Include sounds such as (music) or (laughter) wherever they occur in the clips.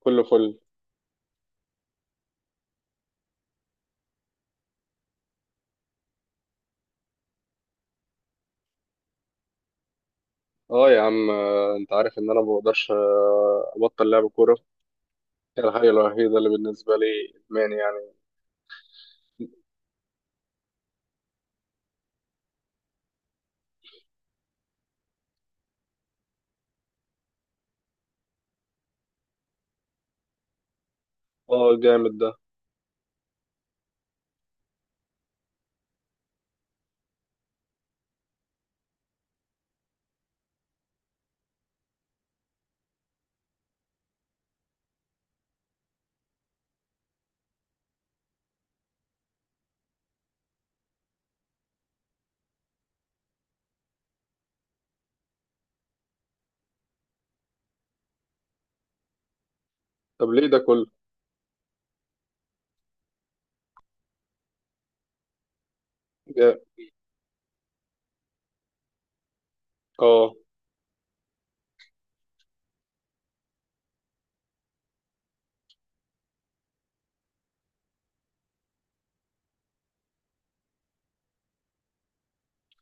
كله فل. اه يا عم، انت عارف ان انا ما بقدرش ابطل لعب كوره. هي الحاجه الوحيده اللي بالنسبه لي، ادمان يعني. اه، جامد ده. طب ليه ده كله؟ جا- اه،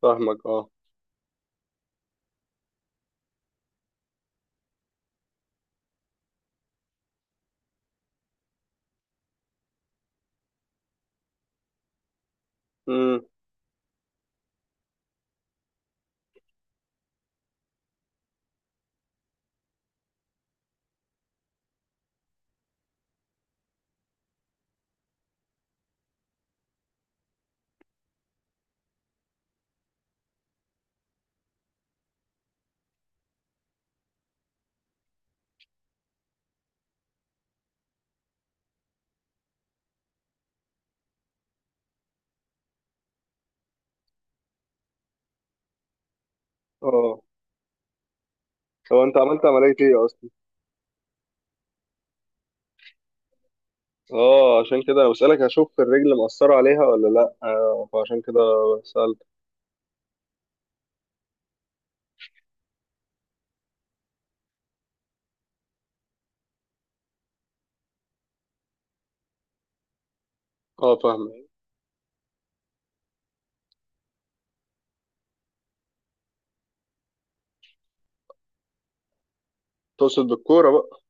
فاهمك، اه. امم. اه. هو انت عملت عمليه ايه اصلا؟ اه، عشان كده أنا بسالك، اشوف الرجل مأثره عليها ولا لا، فعشان كده سالت. اه، فاهمك. تقصد بالكوره بقى؟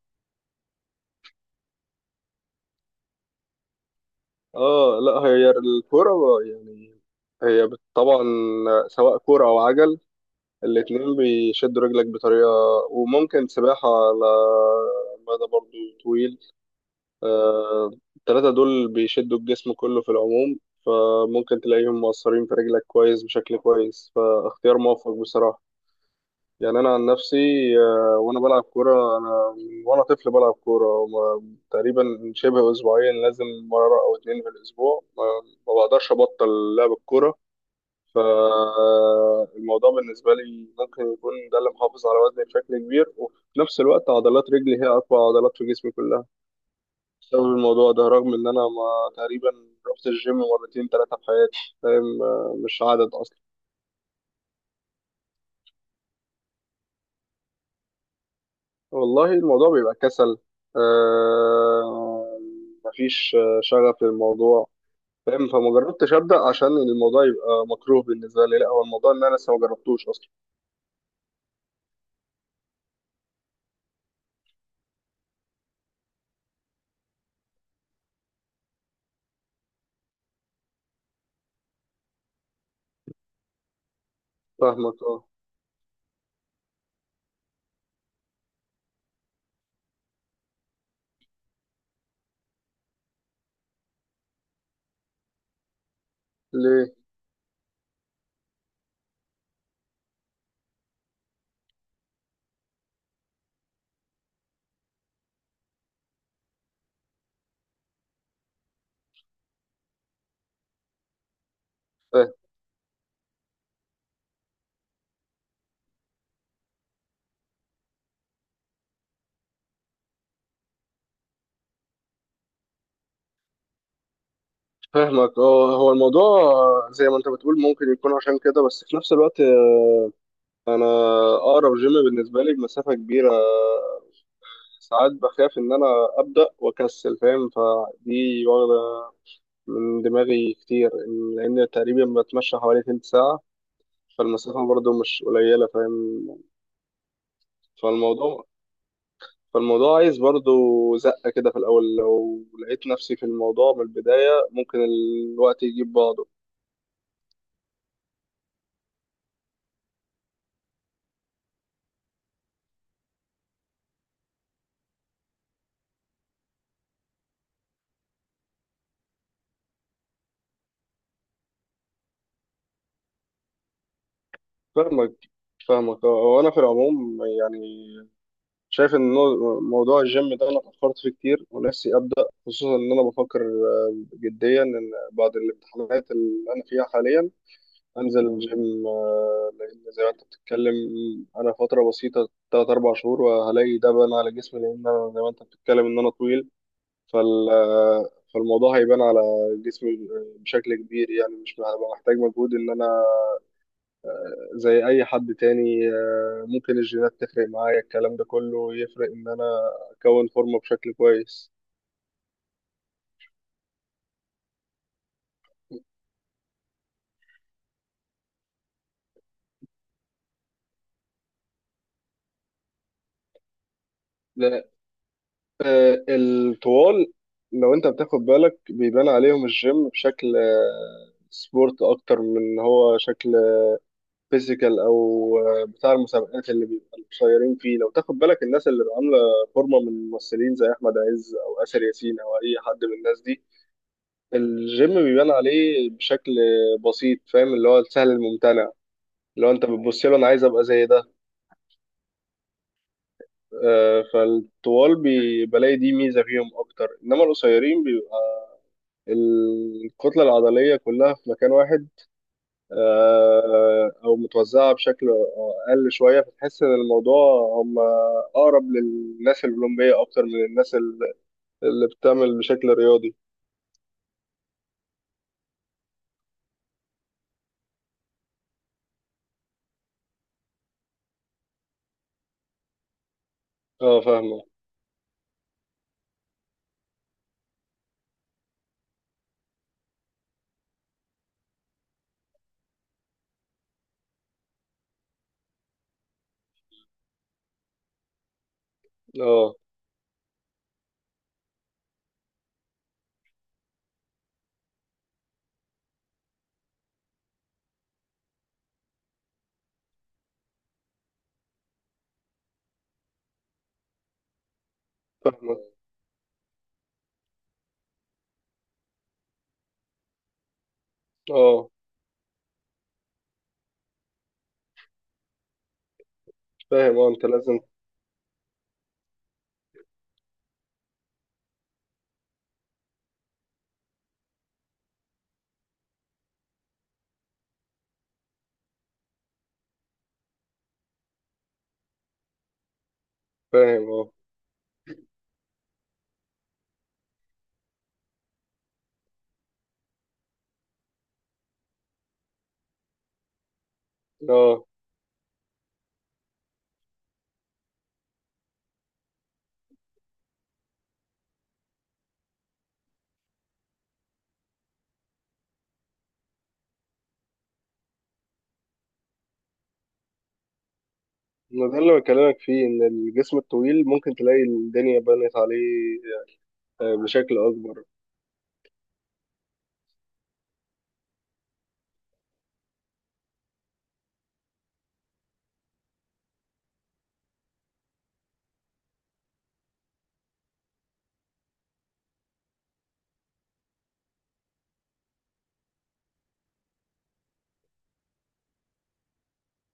اه، لا هي الكوره بقى يعني. هي طبعا، سواء كوره او عجل، الاتنين بيشدوا رجلك بطريقة، وممكن سباحة على مدى برضو طويل. آه، التلاتة دول بيشدوا الجسم كله في العموم، فممكن تلاقيهم مؤثرين في رجلك كويس بشكل كويس، فاختيار موفق بصراحة. يعني أنا عن نفسي، وأنا بلعب كورة، أنا من وأنا طفل بلعب كورة تقريبا شبه أسبوعيا، لازم مرة أو اتنين في الأسبوع، ما بقدرش أبطل لعب الكورة. فالموضوع بالنسبة لي ممكن يكون ده اللي محافظ على وزني بشكل كبير، وفي نفس الوقت عضلات رجلي هي أقوى عضلات في جسمي كلها، بسبب الموضوع ده، رغم إن أنا ما تقريبا رحت الجيم مرتين ثلاثة في حياتي، فاهم؟ مش عدد أصلا. والله الموضوع بيبقى كسل، آه، مفيش شغف للموضوع. فاهم؟ فما جربتش أبدأ عشان الموضوع يبقى مكروه بالنسبة لي، لا هو الموضوع إن أنا لسه ما جربتوش أصلا. فاهمك، أه. ليه؟ فاهمك، اه، هو الموضوع زي ما انت بتقول ممكن يكون عشان كده، بس في نفس الوقت، انا اقرب جيم بالنسبه لي بمسافه كبيره، ساعات بخاف ان انا ابدا واكسل، فاهم؟ فدي واخده من دماغي كتير، لان تقريبا بتمشى حوالي تلت ساعه، فالمسافه برضو مش قليله، فاهم؟ فالموضوع فالموضوع عايز برضو زقه كده في الاول، لو لقيت نفسي في الموضوع من البدايه، ممكن الوقت يجيب بعضه. فاهمك، فاهمك، وانا في العموم يعني شايف ان موضوع الجيم ده انا فكرت فيه كتير، ونفسي ابدا، خصوصا ان انا بفكر جديا ان بعد الامتحانات اللي انا فيها حاليا انزل الجيم، لان زي ما انت بتتكلم، انا فتره بسيطه 3 4 شهور وهلاقي ده بان على جسمي، لان انا زي ما انت بتتكلم ان انا طويل. فالموضوع هيبان على جسمي بشكل كبير، يعني مش هبقى محتاج مجهود ان انا زي اي حد تاني، ممكن الجينات تفرق معايا، الكلام ده كله يفرق ان انا اكون فورمه بشكل كويس. لا، الطوال لو انت بتاخد بالك بيبان عليهم الجيم بشكل سبورت اكتر من إن هو شكل فيزيكال، او بتاع المسابقات اللي بيبقوا قصيرين فيه، لو تاخد بالك الناس اللي عامله فورمه من ممثلين زي احمد عز او اسر ياسين او اي حد من الناس دي، الجيم بيبان عليه بشكل بسيط، فاهم؟ اللي هو السهل الممتنع، لو انت بتبص له، انا عايز ابقى زي ده. فالطوال بلاقي دي ميزه فيهم اكتر، انما القصيرين بيبقى الكتله العضليه كلها في مكان واحد، او متوزعه بشكل اقل شويه، فتحس ان الموضوع هم اقرب للناس الاولمبيه اكتر من الناس اللي بتعمل بشكل رياضي. اه، فاهمه. اه، فاهمه. اه، فاهم. اه، انت لازم فاهم. اه، اه، ما ده اللي بكلمك فيه، ان الجسم الطويل ممكن تلاقي الدنيا بنت عليه بشكل اكبر.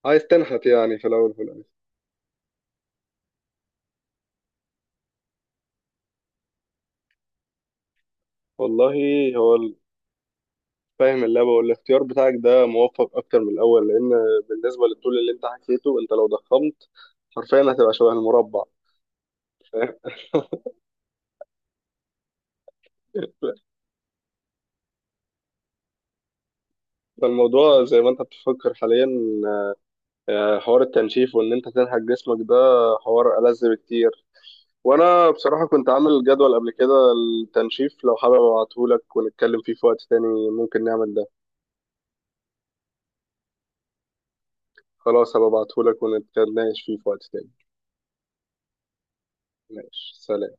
عايز تنحت يعني في الاول وفي الاخر. والله، هو فاهم اللعبه، والاختيار بتاعك ده موفق اكتر من الاول، لان بالنسبه للطول اللي انت حكيته، انت لو ضخمت حرفيا هتبقى شبه المربع. فاهم. (laughs) فالموضوع زي ما انت بتفكر حاليا، حوار التنشيف وان انت تنحت جسمك ده، حوار ألذ بكتير. وانا بصراحة كنت عامل جدول قبل كده، التنشيف، لو حابب ابعتهولك ونتكلم فيه في وقت تاني، ممكن نعمل ده. خلاص، هبقى ابعتهولك ونتناقش فيه في وقت تاني. ماشي، سلام.